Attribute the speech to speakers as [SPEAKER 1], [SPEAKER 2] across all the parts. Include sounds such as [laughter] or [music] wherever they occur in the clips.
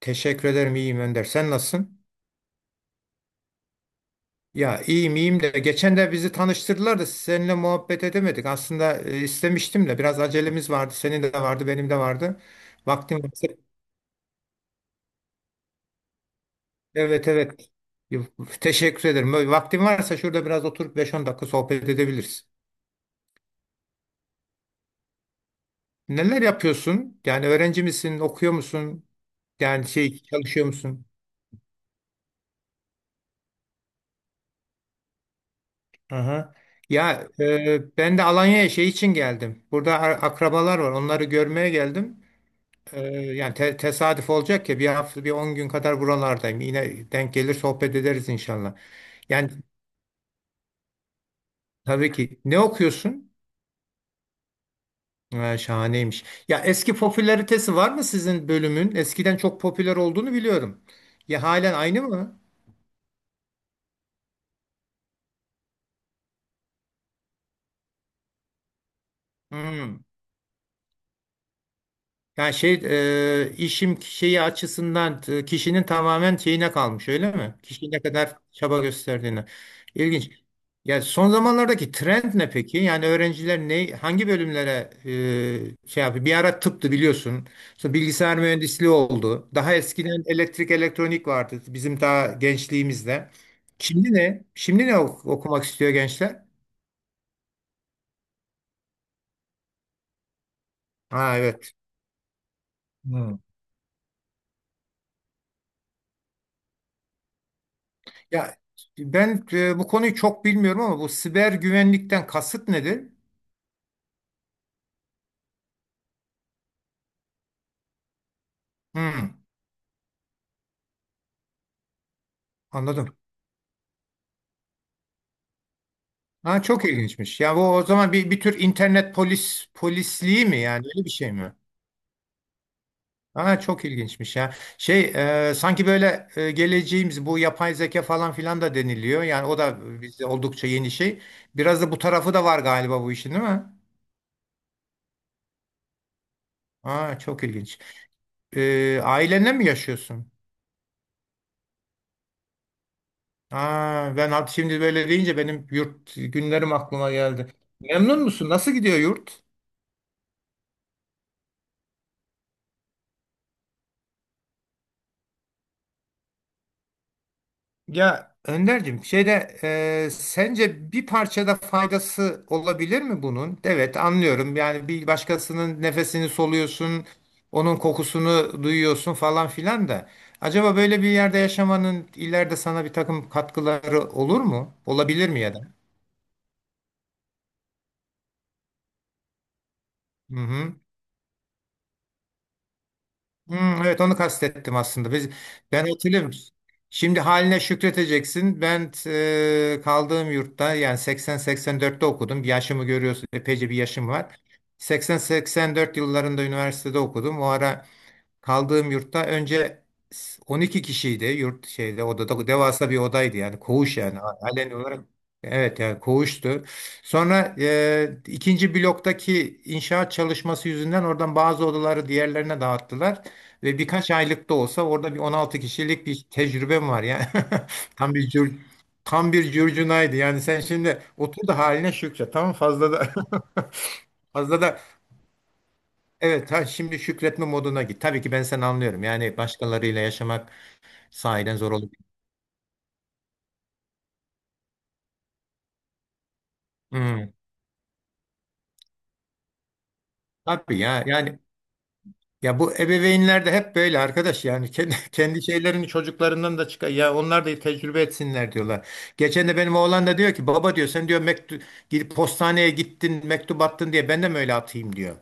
[SPEAKER 1] Teşekkür ederim, iyiyim Önder. Sen nasılsın? Ya, iyiyim iyiyim de geçen de bizi tanıştırdılar da seninle muhabbet edemedik. Aslında istemiştim de biraz acelemiz vardı. Senin de vardı, benim de vardı. Vaktim varsa. Evet evet. Teşekkür ederim. Böyle, vaktin varsa şurada biraz oturup beş on dakika sohbet edebiliriz. Neler yapıyorsun? Yani öğrenci misin, okuyor musun? Yani şey, çalışıyor musun? Aha. Ya, ben de Alanya'ya şey için geldim. Burada akrabalar var. Onları görmeye geldim. Yani tesadüf olacak ki bir hafta bir 10 gün kadar buralardayım. Yine denk gelir sohbet ederiz inşallah. Yani tabii ki, ne okuyorsun? Ha, şahaneymiş. Ya, eski popülaritesi var mı sizin bölümün? Eskiden çok popüler olduğunu biliyorum. Ya, halen aynı mı? Hmm. Yani şey, işim şeyi açısından kişinin tamamen şeyine kalmış öyle mi? Kişi ne kadar çaba gösterdiğine. İlginç. Ya, son zamanlardaki trend ne peki? Yani öğrenciler ne, hangi bölümlere şey yapıyor? Bir ara tıptı biliyorsun. Sonra bilgisayar mühendisliği oldu. Daha eskiden elektrik elektronik vardı bizim daha gençliğimizde. Şimdi ne? Şimdi ne okumak istiyor gençler? Ha, evet. Hmm. Ya, ben bu konuyu çok bilmiyorum ama bu siber güvenlikten kasıt nedir? Hmm, anladım. Ha, çok ilginçmiş. Ya, bu o zaman bir tür internet polisliği mi, yani öyle bir şey mi? Ha, çok ilginçmiş ya. Şey, sanki böyle geleceğimiz bu yapay zeka falan filan da deniliyor. Yani o da bizde oldukça yeni şey. Biraz da bu tarafı da var galiba bu işin, değil mi? Ha, çok ilginç. Ailenle mi yaşıyorsun? Ha, ben şimdi böyle deyince benim yurt günlerim aklıma geldi. Memnun musun? Nasıl gidiyor yurt? Ya Önder'cim, şeyde sence bir parçada faydası olabilir mi bunun? Evet, anlıyorum, yani bir başkasının nefesini soluyorsun, onun kokusunu duyuyorsun falan filan da. Acaba böyle bir yerde yaşamanın ileride sana bir takım katkıları olur mu? Olabilir mi ya da? Hı hı. Hmm, evet, onu kastettim aslında. Ben hatırlıyorum. Şimdi haline şükredeceksin. Ben kaldığım yurtta yani 80-84'te okudum. Yaşımı görüyorsun. Epeyce bir yaşım var. 80-84 yıllarında üniversitede okudum. O ara kaldığım yurtta önce 12 kişiydi. Yurt şeyde, odada devasa bir odaydı, yani koğuş, yani halen olarak evet, yani koğuştu. Sonra ikinci bloktaki inşaat çalışması yüzünden oradan bazı odaları diğerlerine dağıttılar ve birkaç aylık da olsa orada bir 16 kişilik bir tecrübem var yani. [laughs] tam bir cür, tam bir curcunaydı, yani sen şimdi otur da haline şükret, tamam, fazla da. [laughs] Fazla da evet. Ha, şimdi şükretme moduna git. Tabii ki ben seni anlıyorum. Yani başkalarıyla yaşamak sahiden zor olabilir. Hmm, tabii ya. Yani ya bu ebeveynler de hep böyle arkadaş. Yani kendi, [laughs] kendi şeylerini çocuklarından da çıkar, ya onlar da tecrübe etsinler diyorlar. Geçen de benim oğlan da diyor ki, baba diyor, sen diyor mektup gidip postaneye gittin mektup attın diye, ben de mi öyle atayım diyor.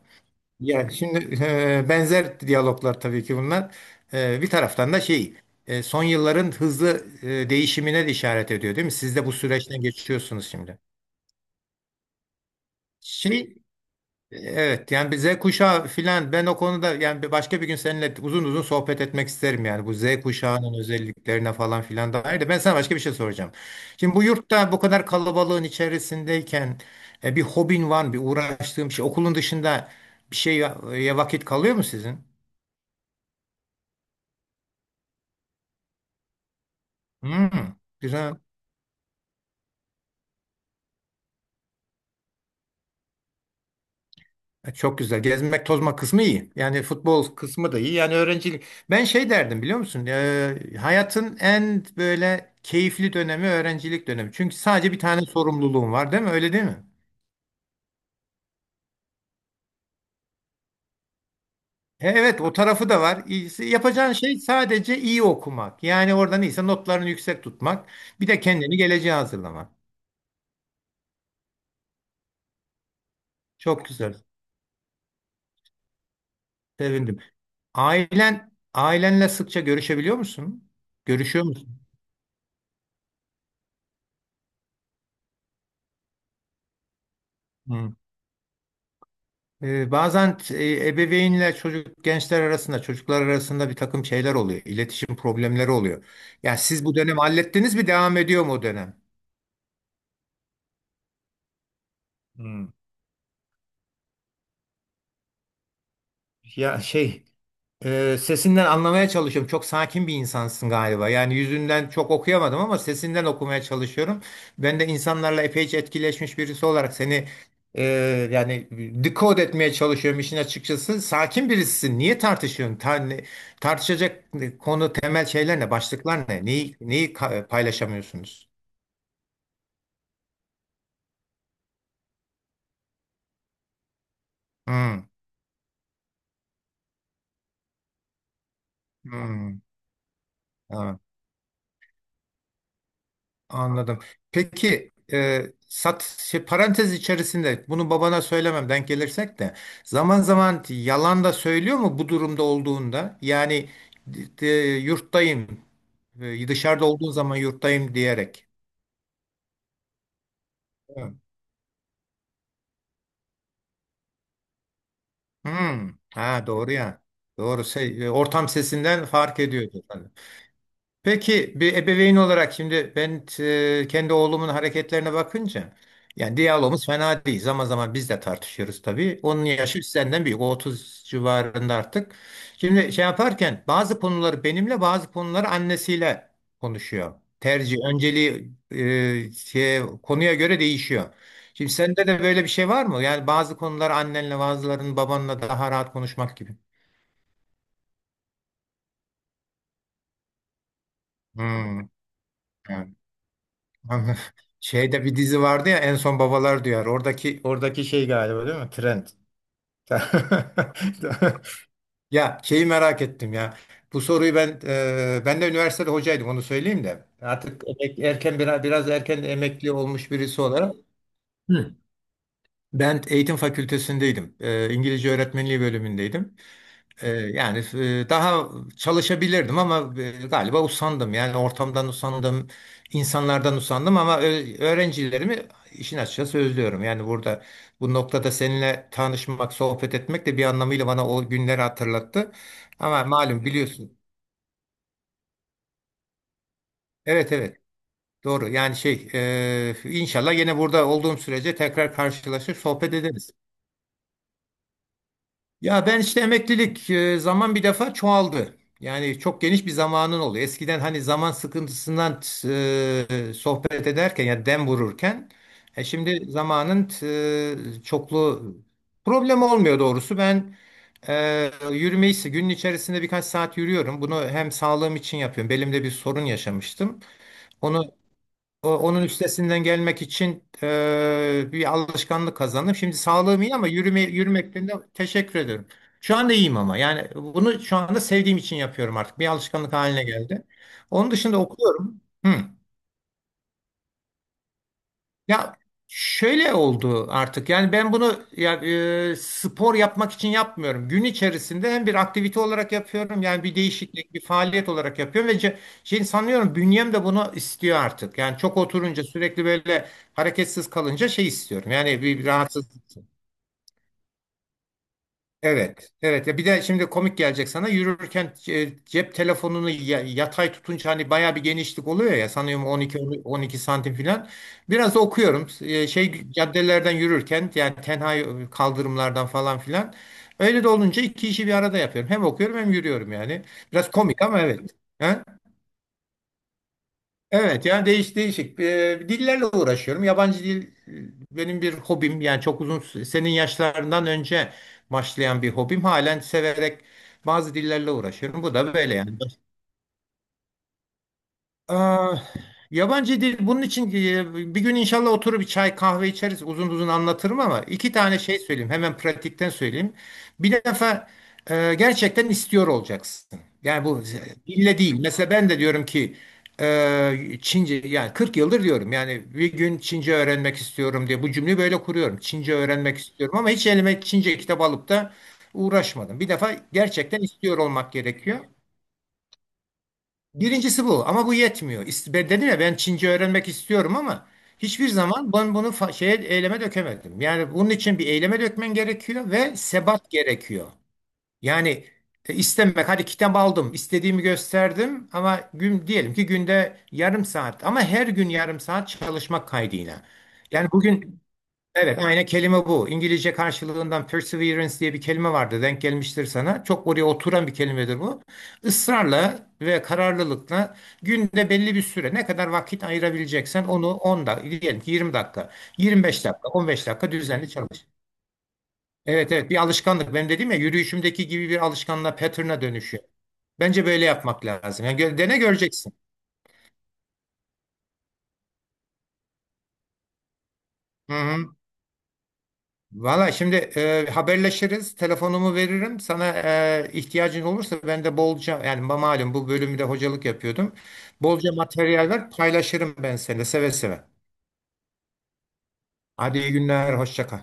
[SPEAKER 1] Ya şimdi benzer diyaloglar tabii ki bunlar. Bir taraftan da şey, son yılların hızlı değişimine de işaret ediyor, değil mi? Siz de bu süreçten geçiyorsunuz şimdi. Şey, evet, yani bir Z kuşağı filan, ben o konuda yani bir başka bir gün seninle uzun uzun sohbet etmek isterim, yani bu Z kuşağının özelliklerine falan filan dair de ben sana başka bir şey soracağım. Şimdi bu yurtta bu kadar kalabalığın içerisindeyken bir hobin var mı? Bir uğraştığım şey, okulun dışında bir şeye vakit kalıyor mu sizin? Hmm, güzel. Çok güzel. Gezmek tozma kısmı iyi. Yani futbol kısmı da iyi. Yani öğrencilik. Ben şey derdim, biliyor musun? Hayatın en böyle keyifli dönemi öğrencilik dönemi. Çünkü sadece bir tane sorumluluğun var, değil mi? Öyle değil mi? Evet, o tarafı da var. Yapacağın şey sadece iyi okumak. Yani oradan iyiyse notlarını yüksek tutmak. Bir de kendini geleceğe hazırlamak. Çok güzel. Sevindim. Ailen, ailenle sıkça görüşebiliyor musun? Görüşüyor musun? Hmm. Bazen ebeveynle çocuk, gençler arasında, çocuklar arasında bir takım şeyler oluyor. İletişim problemleri oluyor. Yani siz bu dönem hallettiniz mi, devam ediyor mu o dönem? Hmm. Ya şey, sesinden anlamaya çalışıyorum. Çok sakin bir insansın galiba. Yani yüzünden çok okuyamadım ama sesinden okumaya çalışıyorum. Ben de insanlarla epeyce etkileşmiş birisi olarak seni e, yani decode etmeye çalışıyorum işin açıkçası. Sakin birisisin. Niye tartışıyorsun? Tartışacak konu, temel şeyler ne? Başlıklar ne? Neyi, neyi paylaşamıyorsunuz? Hmm, hmm, tamam. Anladım. Peki e, sat şey, parantez içerisinde bunu babana söylemem denk gelirsek de zaman zaman yalan da söylüyor mu bu durumda olduğunda? Yani d- yurttayım, dışarıda olduğun zaman yurttayım diyerek. Evet. Hmm. Ha, doğru ya. Doğru. Ortam sesinden fark ediyordu. Peki bir ebeveyn olarak şimdi ben kendi oğlumun hareketlerine bakınca, yani diyalogumuz fena değil. Zaman zaman biz de tartışıyoruz tabii. Onun yaşı senden büyük. O 30 civarında artık. Şimdi şey yaparken bazı konuları benimle, bazı konuları annesiyle konuşuyor. Tercih, önceliği konuya göre değişiyor. Şimdi sende de böyle bir şey var mı? Yani bazı konuları annenle, bazılarının babanla daha rahat konuşmak gibi. Hmm. Anladım. Şeyde bir dizi vardı ya en son, babalar duyar. Oradaki şey galiba, değil mi? Trend. [laughs] Ya şeyi merak ettim ya. Bu soruyu ben e, ben de üniversitede hocaydım, onu söyleyeyim de. Artık erken, biraz erken emekli olmuş birisi olarak. Hı. Ben eğitim fakültesindeydim. İngilizce öğretmenliği bölümündeydim. Yani daha çalışabilirdim ama galiba usandım. Yani ortamdan usandım, insanlardan usandım ama öğrencilerimi işin açıkçası özlüyorum. Yani burada bu noktada seninle tanışmak, sohbet etmek de bir anlamıyla bana o günleri hatırlattı. Ama malum biliyorsun. Evet evet, doğru. Yani şey inşallah yine burada olduğum sürece tekrar karşılaşıp sohbet ederiz. Ya ben işte emeklilik zaman bir defa çoğaldı. Yani çok geniş bir zamanın oluyor. Eskiden hani zaman sıkıntısından sohbet ederken ya dem vururken şimdi zamanın çoklu problem olmuyor doğrusu. Ben yürümeyi, günün içerisinde birkaç saat yürüyorum. Bunu hem sağlığım için yapıyorum. Belimde bir sorun yaşamıştım. Onu Onun üstesinden gelmek için bir alışkanlık kazandım. Şimdi sağlığım iyi ama yürümekten de teşekkür ediyorum. Şu anda iyiyim ama yani bunu şu anda sevdiğim için yapıyorum artık. Bir alışkanlık haline geldi. Onun dışında okuyorum. Hı. Ya şöyle oldu artık. Yani ben bunu ya, spor yapmak için yapmıyorum. Gün içerisinde hem bir aktivite olarak yapıyorum. Yani bir değişiklik, bir faaliyet olarak yapıyorum ve şey, sanıyorum bünyem de bunu istiyor artık. Yani çok oturunca sürekli böyle hareketsiz kalınca şey istiyorum. Yani bir rahatsız. Evet, evet. Ya bir de şimdi komik gelecek sana. Yürürken cep telefonunu yatay tutunca hani bayağı bir genişlik oluyor ya. Sanıyorum 12 12 santim falan. Biraz da okuyorum. Şey caddelerden yürürken yani tenha kaldırımlardan falan filan. Öyle de olunca iki işi bir arada yapıyorum. Hem okuyorum hem yürüyorum yani. Biraz komik ama evet. He? Evet, yani değişik dillerle uğraşıyorum. Yabancı dil benim bir hobim, yani çok uzun, senin yaşlarından önce başlayan bir hobim. Halen severek bazı dillerle uğraşıyorum. Bu da böyle yani. Aa, yabancı dil bunun için bir gün inşallah oturup bir çay kahve içeriz, uzun uzun anlatırım ama iki tane şey söyleyeyim hemen, pratikten söyleyeyim. Bir defa gerçekten istiyor olacaksın. Yani bu dille değil. Mesela ben de diyorum ki Çince, yani 40 yıldır diyorum, yani bir gün Çince öğrenmek istiyorum diye bu cümleyi böyle kuruyorum. Çince öğrenmek istiyorum ama hiç elime Çince kitap alıp da uğraşmadım. Bir defa gerçekten istiyor olmak gerekiyor. Birincisi bu ama bu yetmiyor. Ben dedim ya, ben Çince öğrenmek istiyorum ama hiçbir zaman ben bunu fa- şeye eyleme dökemedim. Yani bunun için bir eyleme dökmen gerekiyor ve sebat gerekiyor. Yani istemek, hadi kitap aldım, istediğimi gösterdim ama gün, diyelim ki günde yarım saat, ama her gün yarım saat çalışmak kaydıyla. Yani bugün evet, aynı kelime bu. İngilizce karşılığından perseverance diye bir kelime vardı. Denk gelmiştir sana. Çok oraya oturan bir kelimedir bu. Israrla ve kararlılıkla günde belli bir süre ne kadar vakit ayırabileceksen, onu 10 dakika, diyelim ki 20 dakika, 25 dakika, 15 dakika düzenli çalış. Evet evet, bir alışkanlık. Benim dedim ya, yürüyüşümdeki gibi bir alışkanlığa, pattern'a dönüşüyor. Bence böyle yapmak lazım. Yani dene göreceksin. Hı hı. Valla şimdi haberleşiriz. Telefonumu veririm. Sana ihtiyacın olursa, ben de bolca, yani malum bu bölümde hocalık yapıyordum, bolca materyal ver paylaşırım ben seninle seve seve. Hadi iyi günler, hoşça kal.